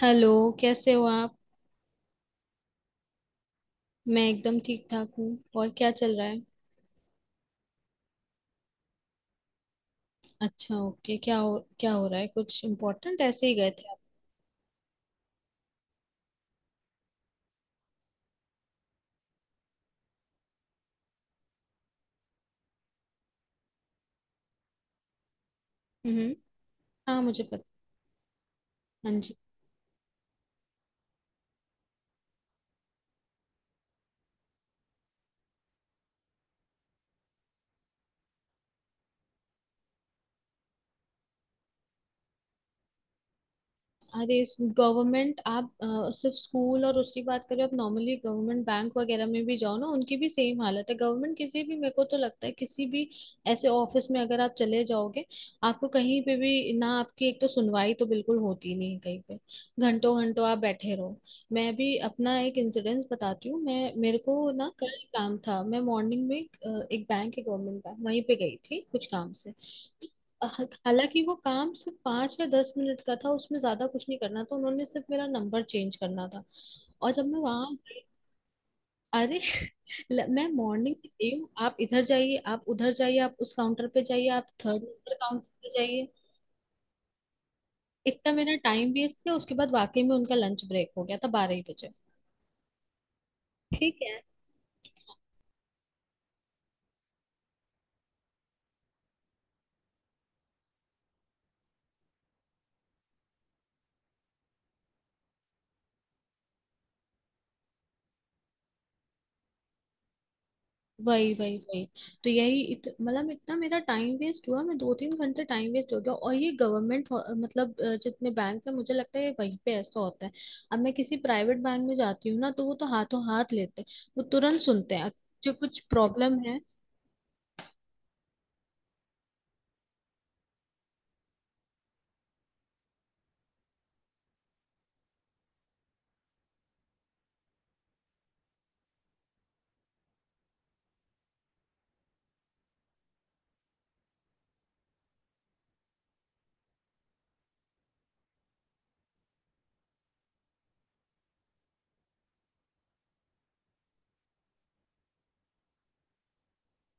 Hello. कैसे हो आप? मैं एकदम ठीक ठाक हूँ। और क्या चल रहा है? अच्छा, ओके, क्या हो, क्या हो रहा है, कुछ इम्पोर्टेंट ऐसे ही गए थे आप? हम्म। हाँ, मुझे पता। हाँ जी। अरे, गवर्नमेंट आप सिर्फ स्कूल और उसकी बात करें, आप नॉर्मली गवर्नमेंट बैंक वगैरह में भी जाओ ना, उनकी भी सेम हालत है। गवर्नमेंट किसी भी, मेरे को तो लगता है किसी भी ऐसे ऑफिस में अगर आप चले जाओगे, आपको कहीं पे भी ना, आपकी एक तो सुनवाई तो बिल्कुल होती नहीं है कहीं पे। घंटों घंटों आप बैठे रहो। मैं भी अपना एक इंसिडेंस बताती हूँ। मैं, मेरे को ना कल काम था, मैं मॉर्निंग में एक बैंक है गवर्नमेंट बैंक, वहीं पे गई थी कुछ काम से। हालांकि वो काम सिर्फ पाँच या दस मिनट का था, उसमें ज्यादा कुछ नहीं करना था, उन्होंने सिर्फ मेरा नंबर चेंज करना था। और जब मैं वहां गई, अरे मैं मॉर्निंग में गई हूँ, आप इधर जाइए, आप उधर जाइए, आप उस काउंटर पे जाइए, आप थर्ड नंबर काउंटर पे जाइए। इतना मेरा टाइम वेस्ट किया, उसके बाद वाकई में उनका लंच ब्रेक हो गया था बारह ही बजे। ठीक है। वही वही वही। तो यही मतलब इतना मेरा टाइम वेस्ट हुआ, मैं दो तीन घंटे टाइम वेस्ट हो गया। और ये गवर्नमेंट मतलब जितने बैंक है, मुझे लगता है ये वहीं पे ऐसा होता है। अब मैं किसी प्राइवेट बैंक में जाती हूँ ना, तो वो तो हाथों हाथ लेते हैं। वो तुरंत सुनते हैं जो कुछ प्रॉब्लम है।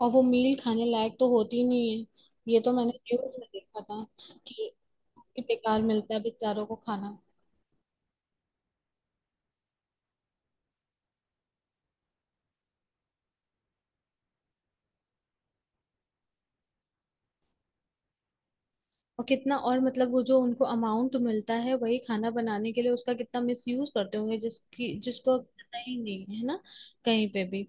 और वो मील खाने लायक तो होती नहीं है। ये तो मैंने न्यूज में देखा था कि कि बेकार मिलता है बेचारों को खाना। और कितना, और मतलब वो जो उनको अमाउंट मिलता है वही खाना बनाने के लिए, उसका कितना मिस यूज करते होंगे जिसकी, जिसको पता ही नहीं है ना कहीं पे भी।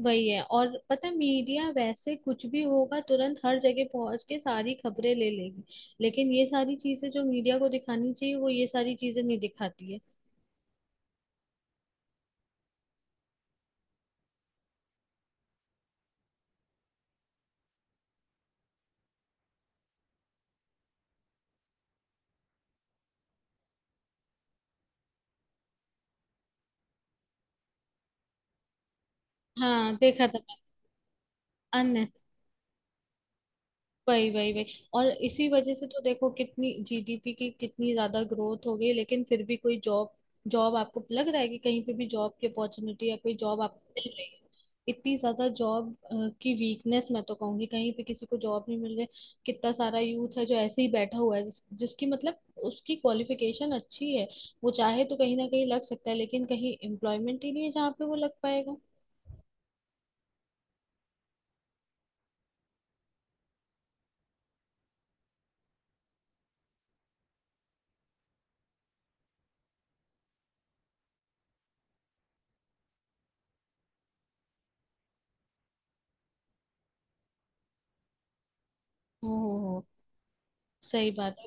वही है। और पता है, मीडिया वैसे कुछ भी होगा तुरंत हर जगह पहुंच के सारी खबरें ले लेगी, लेकिन ये सारी चीजें जो मीडिया को दिखानी चाहिए, वो ये सारी चीजें नहीं दिखाती है। हाँ, देखा था। मैंने वही वही वही। और इसी वजह से तो देखो, कितनी जीडीपी की कितनी ज्यादा ग्रोथ हो गई, लेकिन फिर भी कोई जॉब, जॉब आपको लग रहा है कि कहीं पे भी जॉब की अपॉर्चुनिटी या कोई जॉब आपको मिल रही है? इतनी ज्यादा जॉब की वीकनेस, मैं तो कहूंगी कहीं पे किसी को जॉब नहीं मिल रही। कितना सारा यूथ है जो ऐसे ही बैठा हुआ है, जिसकी मतलब उसकी क्वालिफिकेशन अच्छी है, वो चाहे तो कहीं ना कहीं लग सकता है, लेकिन कहीं एम्प्लॉयमेंट ही नहीं है जहाँ पे वो लग पाएगा। हो हो। सही बात है।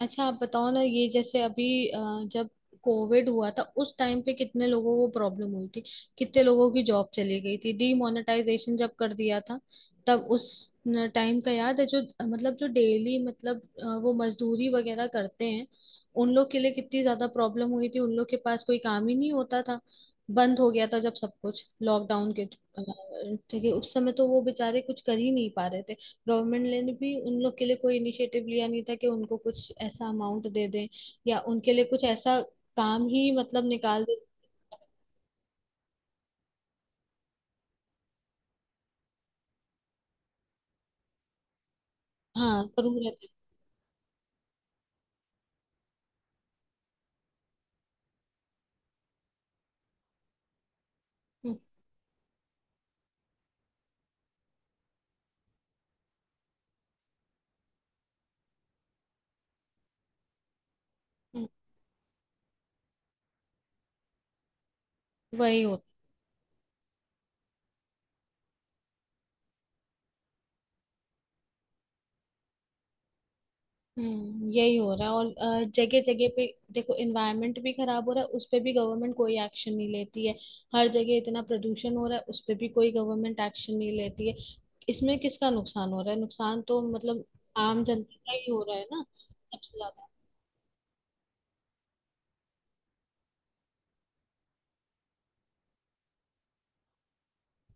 अच्छा, आप बताओ ना, ये जैसे अभी जब कोविड हुआ था, उस टाइम पे कितने लोगों को प्रॉब्लम हुई थी, कितने लोगों की जॉब चली गई थी। डीमोनेटाइजेशन जब कर दिया था, तब उस टाइम का याद है? जो मतलब जो डेली मतलब वो मजदूरी वगैरह करते हैं, उन लोग के लिए कितनी ज्यादा प्रॉब्लम हुई थी। उन लोग के पास कोई काम ही नहीं होता था, बंद हो गया था जब सब कुछ लॉकडाउन के ठीक है, उस समय तो वो बेचारे कुछ कर ही नहीं पा रहे थे। गवर्नमेंट ने भी उन लोग के लिए कोई इनिशिएटिव लिया नहीं था कि उनको कुछ ऐसा अमाउंट दे दें, या उनके लिए कुछ ऐसा काम ही मतलब निकाल दे। हाँ, जरूर रहता है। हम्म। हम्म। वही हो। हम्म, यही हो रहा है और जगह जगह पे। देखो, एनवायरनमेंट भी खराब हो रहा है, उस पे भी गवर्नमेंट कोई एक्शन नहीं लेती है। हर जगह इतना प्रदूषण हो रहा है, उस पे भी कोई गवर्नमेंट एक्शन नहीं लेती है। इसमें किसका नुकसान हो रहा है? नुकसान तो मतलब आम जनता का ही हो रहा है ना सबसे ज्यादा।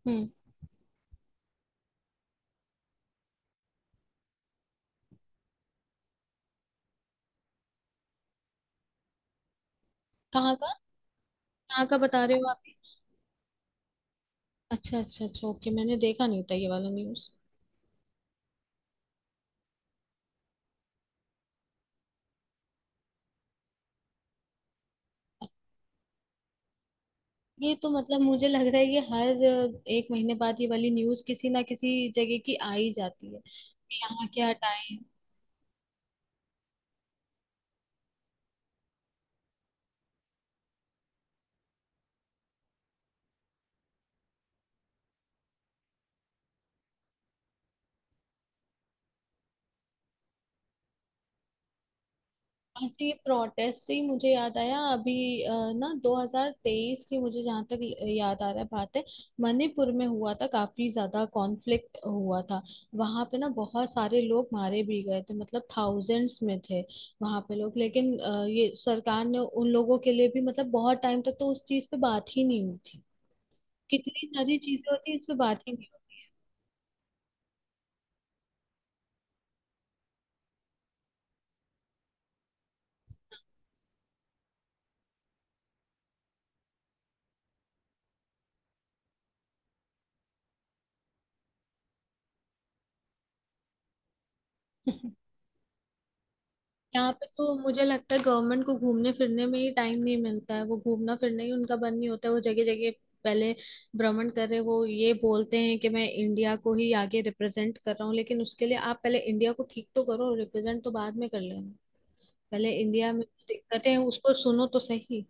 हम्म। कहाँ का? कहाँ का बता रहे हो आप? अच्छा अच्छा अच्छा, ओके, मैंने देखा नहीं था ये वाला न्यूज। ये तो मतलब मुझे लग रहा है, ये हर एक महीने बाद ये वाली न्यूज किसी ना किसी जगह की आ ही जाती है कि यहाँ क्या हटाएं। हाँ जी, प्रोटेस्ट से ही मुझे याद आया अभी, अ, ना 2023 की मुझे जहाँ तक याद आ रहा है बात है, मणिपुर में हुआ था काफी ज्यादा कॉन्फ्लिक्ट हुआ था। वहां पे ना बहुत सारे लोग मारे भी गए थे, मतलब थाउजेंड्स में थे वहां पे लोग। लेकिन ये सरकार ने उन लोगों के लिए भी मतलब बहुत टाइम तक तो उस चीज पे बात ही नहीं हुई थी। कितनी सारी चीजें होती है, इस पे बात ही नहीं। यहाँ पे तो मुझे लगता है गवर्नमेंट को घूमने फिरने में ही टाइम नहीं मिलता है, वो घूमना फिरना ही उनका बंद नहीं होता है। वो जगह जगह पहले भ्रमण कर रहे, वो ये बोलते हैं कि मैं इंडिया को ही आगे रिप्रेजेंट कर रहा हूँ, लेकिन उसके लिए आप पहले इंडिया को ठीक तो करो, रिप्रेजेंट तो बाद में कर लेना। पहले इंडिया में जो दिक्कतें हैं उसको सुनो तो सही।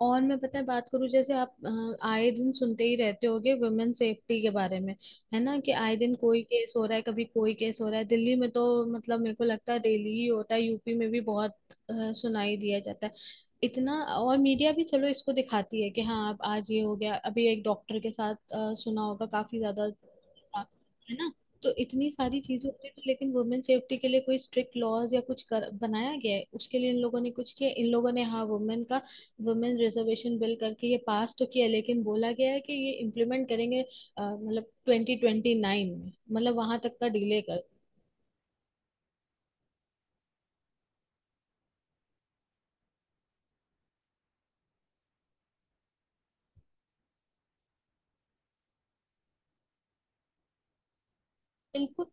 और मैं पता है बात करूं, जैसे आप आए दिन सुनते ही रहते होगे वुमेन सेफ्टी के बारे में, है ना? कि आए दिन कोई केस हो रहा है, कभी कोई केस हो रहा है दिल्ली में तो, मतलब मेरे को लगता है डेली ही होता है। यूपी में भी बहुत सुनाई दिया जाता है इतना। और मीडिया भी चलो इसको दिखाती है कि हाँ, अब आज ये हो गया, अभी एक डॉक्टर के साथ सुना होगा काफी ज्यादा था, है ना? तो इतनी सारी चीजें होती है, लेकिन वुमेन सेफ्टी के लिए कोई स्ट्रिक्ट लॉज या कुछ बनाया गया है उसके लिए? इन लोगों ने कुछ किया? इन लोगों ने हाँ वुमेन का, वुमेन रिजर्वेशन बिल करके ये पास तो किया, लेकिन बोला गया है कि ये इम्प्लीमेंट करेंगे मतलब 2029 में, मतलब वहां तक का डिले कर। बिल्कुल।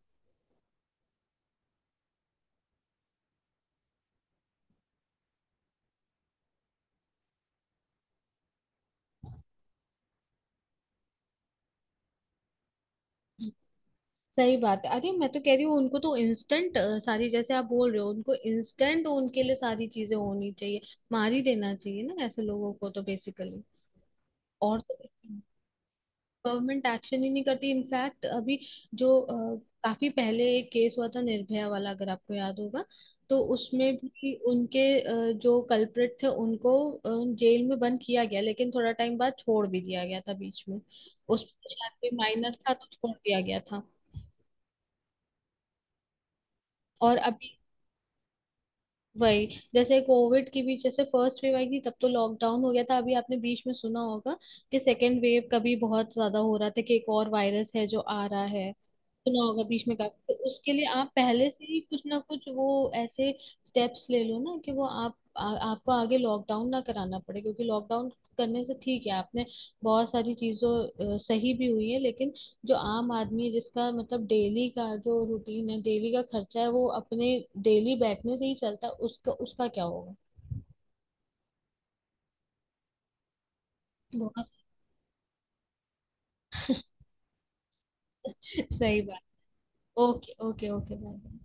सही बात है। अरे मैं तो कह रही हूँ उनको तो इंस्टेंट सारी, जैसे आप बोल रहे हो उनको इंस्टेंट, उनके लिए सारी चीजें होनी चाहिए। मार ही देना चाहिए ना ऐसे लोगों को तो बेसिकली। और तो, गवर्नमेंट एक्शन ही नहीं करती। इनफैक्ट अभी जो काफी पहले एक केस हुआ था निर्भया वाला, अगर आपको याद होगा, तो उसमें भी उनके जो कल्प्रिट थे उनको जेल में बंद किया गया, लेकिन थोड़ा टाइम बाद छोड़ भी दिया गया था बीच में। उस, शायद कोई माइनर था तो छोड़ दिया गया था। और अभी वही, जैसे कोविड की भी जैसे फर्स्ट वेव आई थी तब तो लॉकडाउन हो गया था, अभी आपने बीच में सुना होगा कि सेकेंड वेव का भी बहुत ज्यादा हो रहा था, कि एक और वायरस है जो आ रहा है। सुना होगा बीच में काफी। तो उसके लिए आप पहले से ही कुछ ना कुछ वो ऐसे स्टेप्स ले लो ना, कि वो आप आपको आगे लॉकडाउन ना कराना पड़े। क्योंकि लॉकडाउन करने से ठीक है, आपने बहुत सारी चीजों सही भी हुई है, लेकिन जो आम आदमी है, जिसका मतलब डेली का जो रूटीन है, डेली का खर्चा है, वो अपने डेली बैठने से ही चलता है, उसका, उसका क्या होगा? बहुत सही बात। Okay okay okay, bye bye.